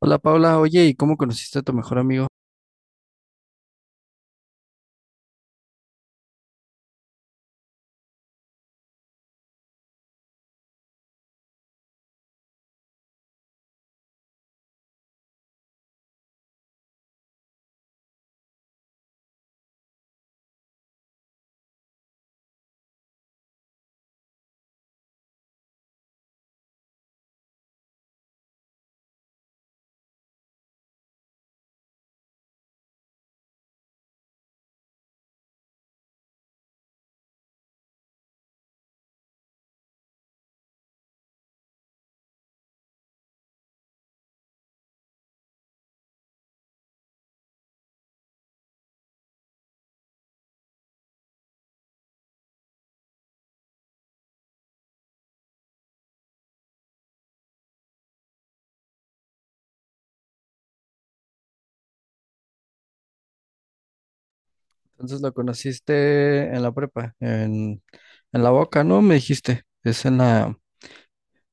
Hola Paula, oye, ¿y cómo conociste a tu mejor amigo? Entonces lo conociste en la prepa, en la boca, ¿no? Me dijiste, es en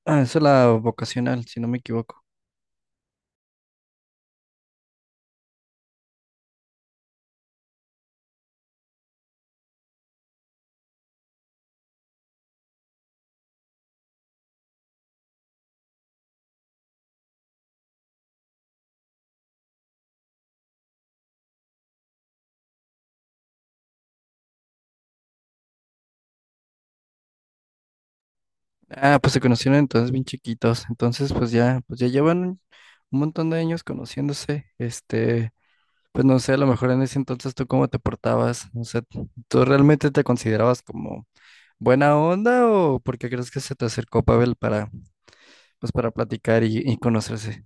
ah, es en la vocacional, si no me equivoco. Ah, pues se conocieron entonces bien chiquitos, entonces pues ya llevan un montón de años conociéndose, este, pues no sé, a lo mejor en ese entonces tú cómo te portabas, o sea, ¿tú realmente te considerabas como buena onda o porque crees que se te acercó Pavel para, pues para platicar y conocerse?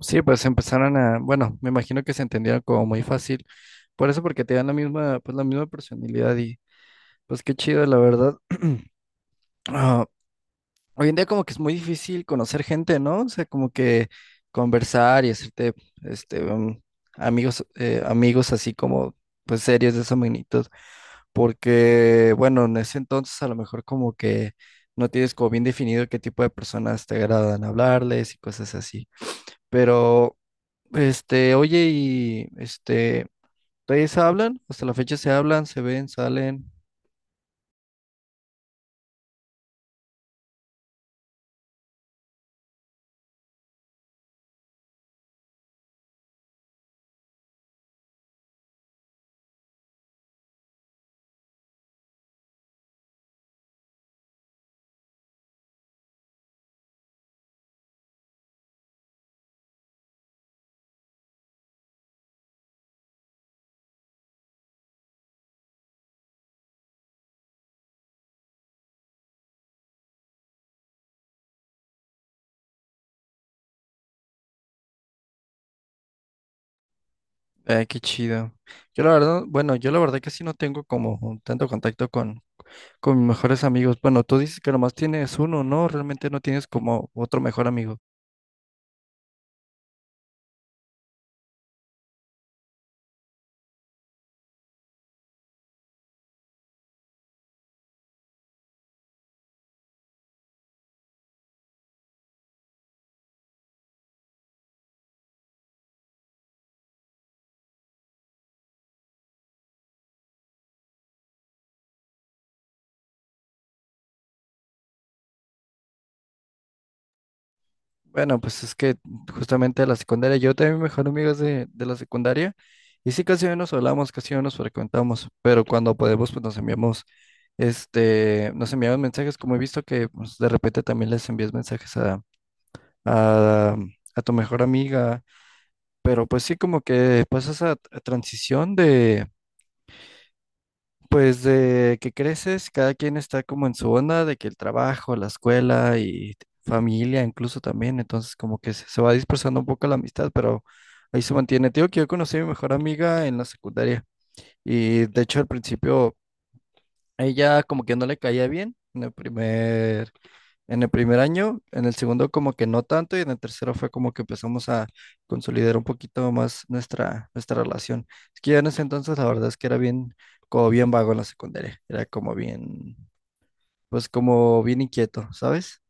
Sí, pues empezaron a, bueno, me imagino que se entendieron como muy fácil, por eso porque te dan la misma, pues la misma personalidad y pues qué chido, la verdad. Ah, hoy en día como que es muy difícil conocer gente, ¿no? O sea, como que conversar y hacerte, este, amigos, amigos así como, pues serios de esa magnitud, porque, bueno, en ese entonces a lo mejor como que no tienes como bien definido qué tipo de personas te agradan hablarles y cosas así, pero... Este, oye, y este, ¿todavía se hablan? Hasta la fecha se hablan, se ven, salen. Ay, qué chido. Yo la verdad, bueno, yo la verdad que sí no tengo como tanto contacto con mis mejores amigos. Bueno, tú dices que nomás tienes uno, ¿no? Realmente no tienes como otro mejor amigo. Bueno, pues es que justamente la secundaria, yo tenía mi mejor amigo es de la secundaria y sí casi no nos hablamos, casi no nos frecuentamos, pero cuando podemos pues nos enviamos, este, nos enviamos mensajes, como he visto que pues, de repente también les envías mensajes a, a tu mejor amiga, pero pues sí como que pasa esa transición de, pues de que creces, cada quien está como en su onda, de que el trabajo, la escuela y familia incluso también, entonces como que se va dispersando un poco la amistad, pero ahí se mantiene. Tío, que yo conocí a mi mejor amiga en la secundaria y de hecho al principio ella como que no le caía bien en el primer año, en el segundo como que no tanto y en el tercero fue como que empezamos a consolidar un poquito más nuestra, nuestra relación. Es que ya en ese entonces la verdad es que era bien, como bien vago en la secundaria, era como bien, pues como bien inquieto, ¿sabes?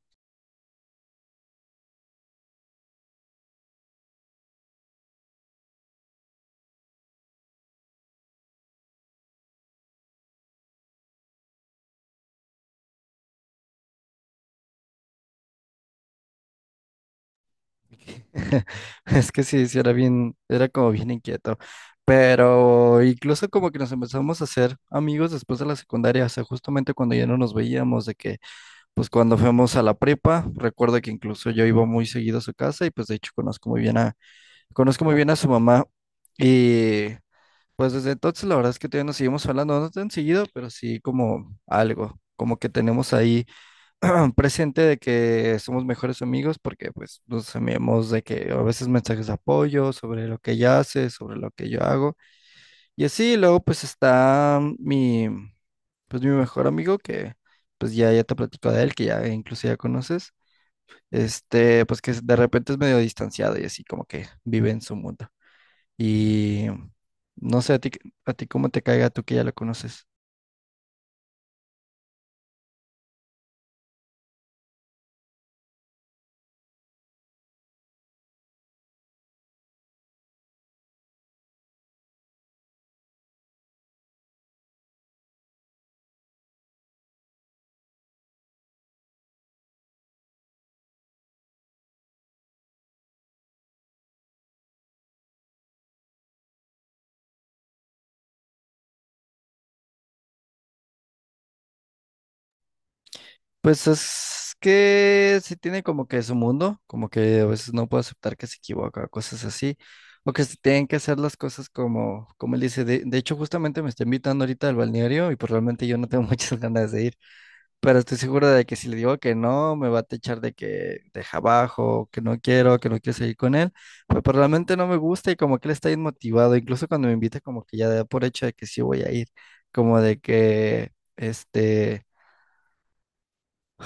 Es que sí, sí, era bien, era como bien inquieto. Pero incluso como que nos empezamos a hacer amigos después de la secundaria, o sea, justamente cuando ya no nos veíamos, de que pues cuando fuimos a la prepa, recuerdo que incluso yo iba muy seguido a su casa y pues de hecho conozco muy bien a su mamá y pues desde entonces la verdad es que todavía nos seguimos hablando, no tan seguido, pero sí como algo, como que tenemos ahí presente de que somos mejores amigos porque pues nos enviamos de que a veces mensajes de apoyo sobre lo que ella hace, sobre lo que yo hago. Y así, luego pues está mi, pues mi mejor amigo que ya te platico de él, que ya incluso ya conoces, este, pues que de repente es medio distanciado y así como que vive en su mundo. Y no sé, a ti cómo te caiga tú que ya lo conoces. Pues es que sí tiene como que su mundo, como que a veces no puede aceptar que se equivoca, cosas así, o que se tienen que hacer las cosas como, como él dice. De hecho, justamente me está invitando ahorita al balneario y pues realmente yo no tengo muchas ganas de ir, pero estoy seguro de que si le digo que no, me va a techar de que deja abajo, que no quiero seguir con él, pero, pues realmente no me gusta y como que él está inmotivado, incluso cuando me invita como que ya da por hecho de que sí voy a ir, como de que, este...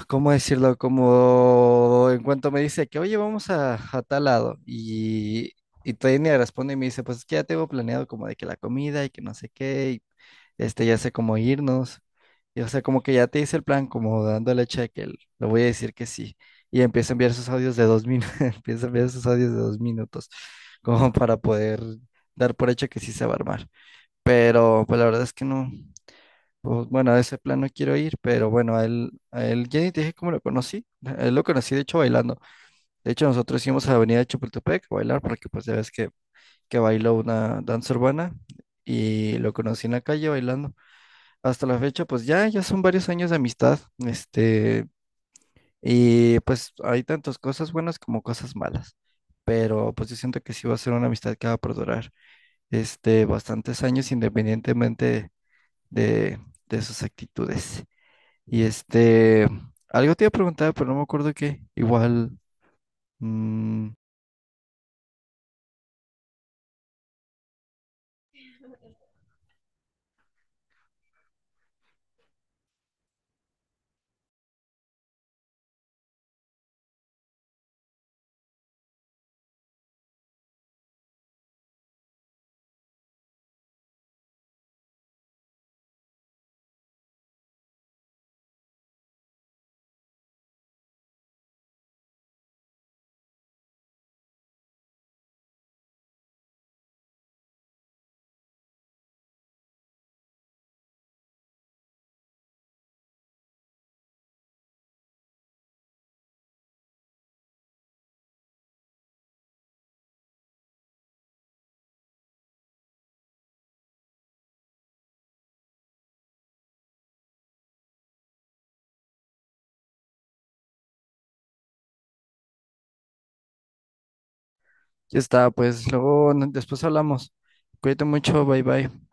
¿cómo decirlo? Como en cuanto me dice que, oye, vamos a tal lado. Y Tania responde y me dice, pues es que ya tengo planeado como de que la comida y que no sé qué, y este, ya sé cómo irnos. Y o sea, como que ya te hice el plan, como dándole check, el, le voy a decir que sí. Y empieza a enviar sus audios de 2 minutos, empieza a enviar sus audios de dos minutos, como para poder dar por hecho que sí se va a armar. Pero pues la verdad es que no. Pues, bueno, a ese plan no quiero ir, pero bueno, a él, ya ni te dije cómo lo conocí. A él lo conocí, de hecho, bailando. De hecho, nosotros íbamos a la avenida de Chapultepec a bailar, porque pues ya ves que bailó una danza urbana y lo conocí en la calle bailando. Hasta la fecha, ya son varios años de amistad, este, y pues hay tantas cosas buenas como cosas malas. Pero pues yo siento que sí va a ser una amistad que va a perdurar, este, bastantes años independientemente de, de sus actitudes. Y este, algo te iba a preguntar, pero no me acuerdo qué. Igual, mm, ya está, pues luego, después hablamos. Cuídate mucho, bye bye.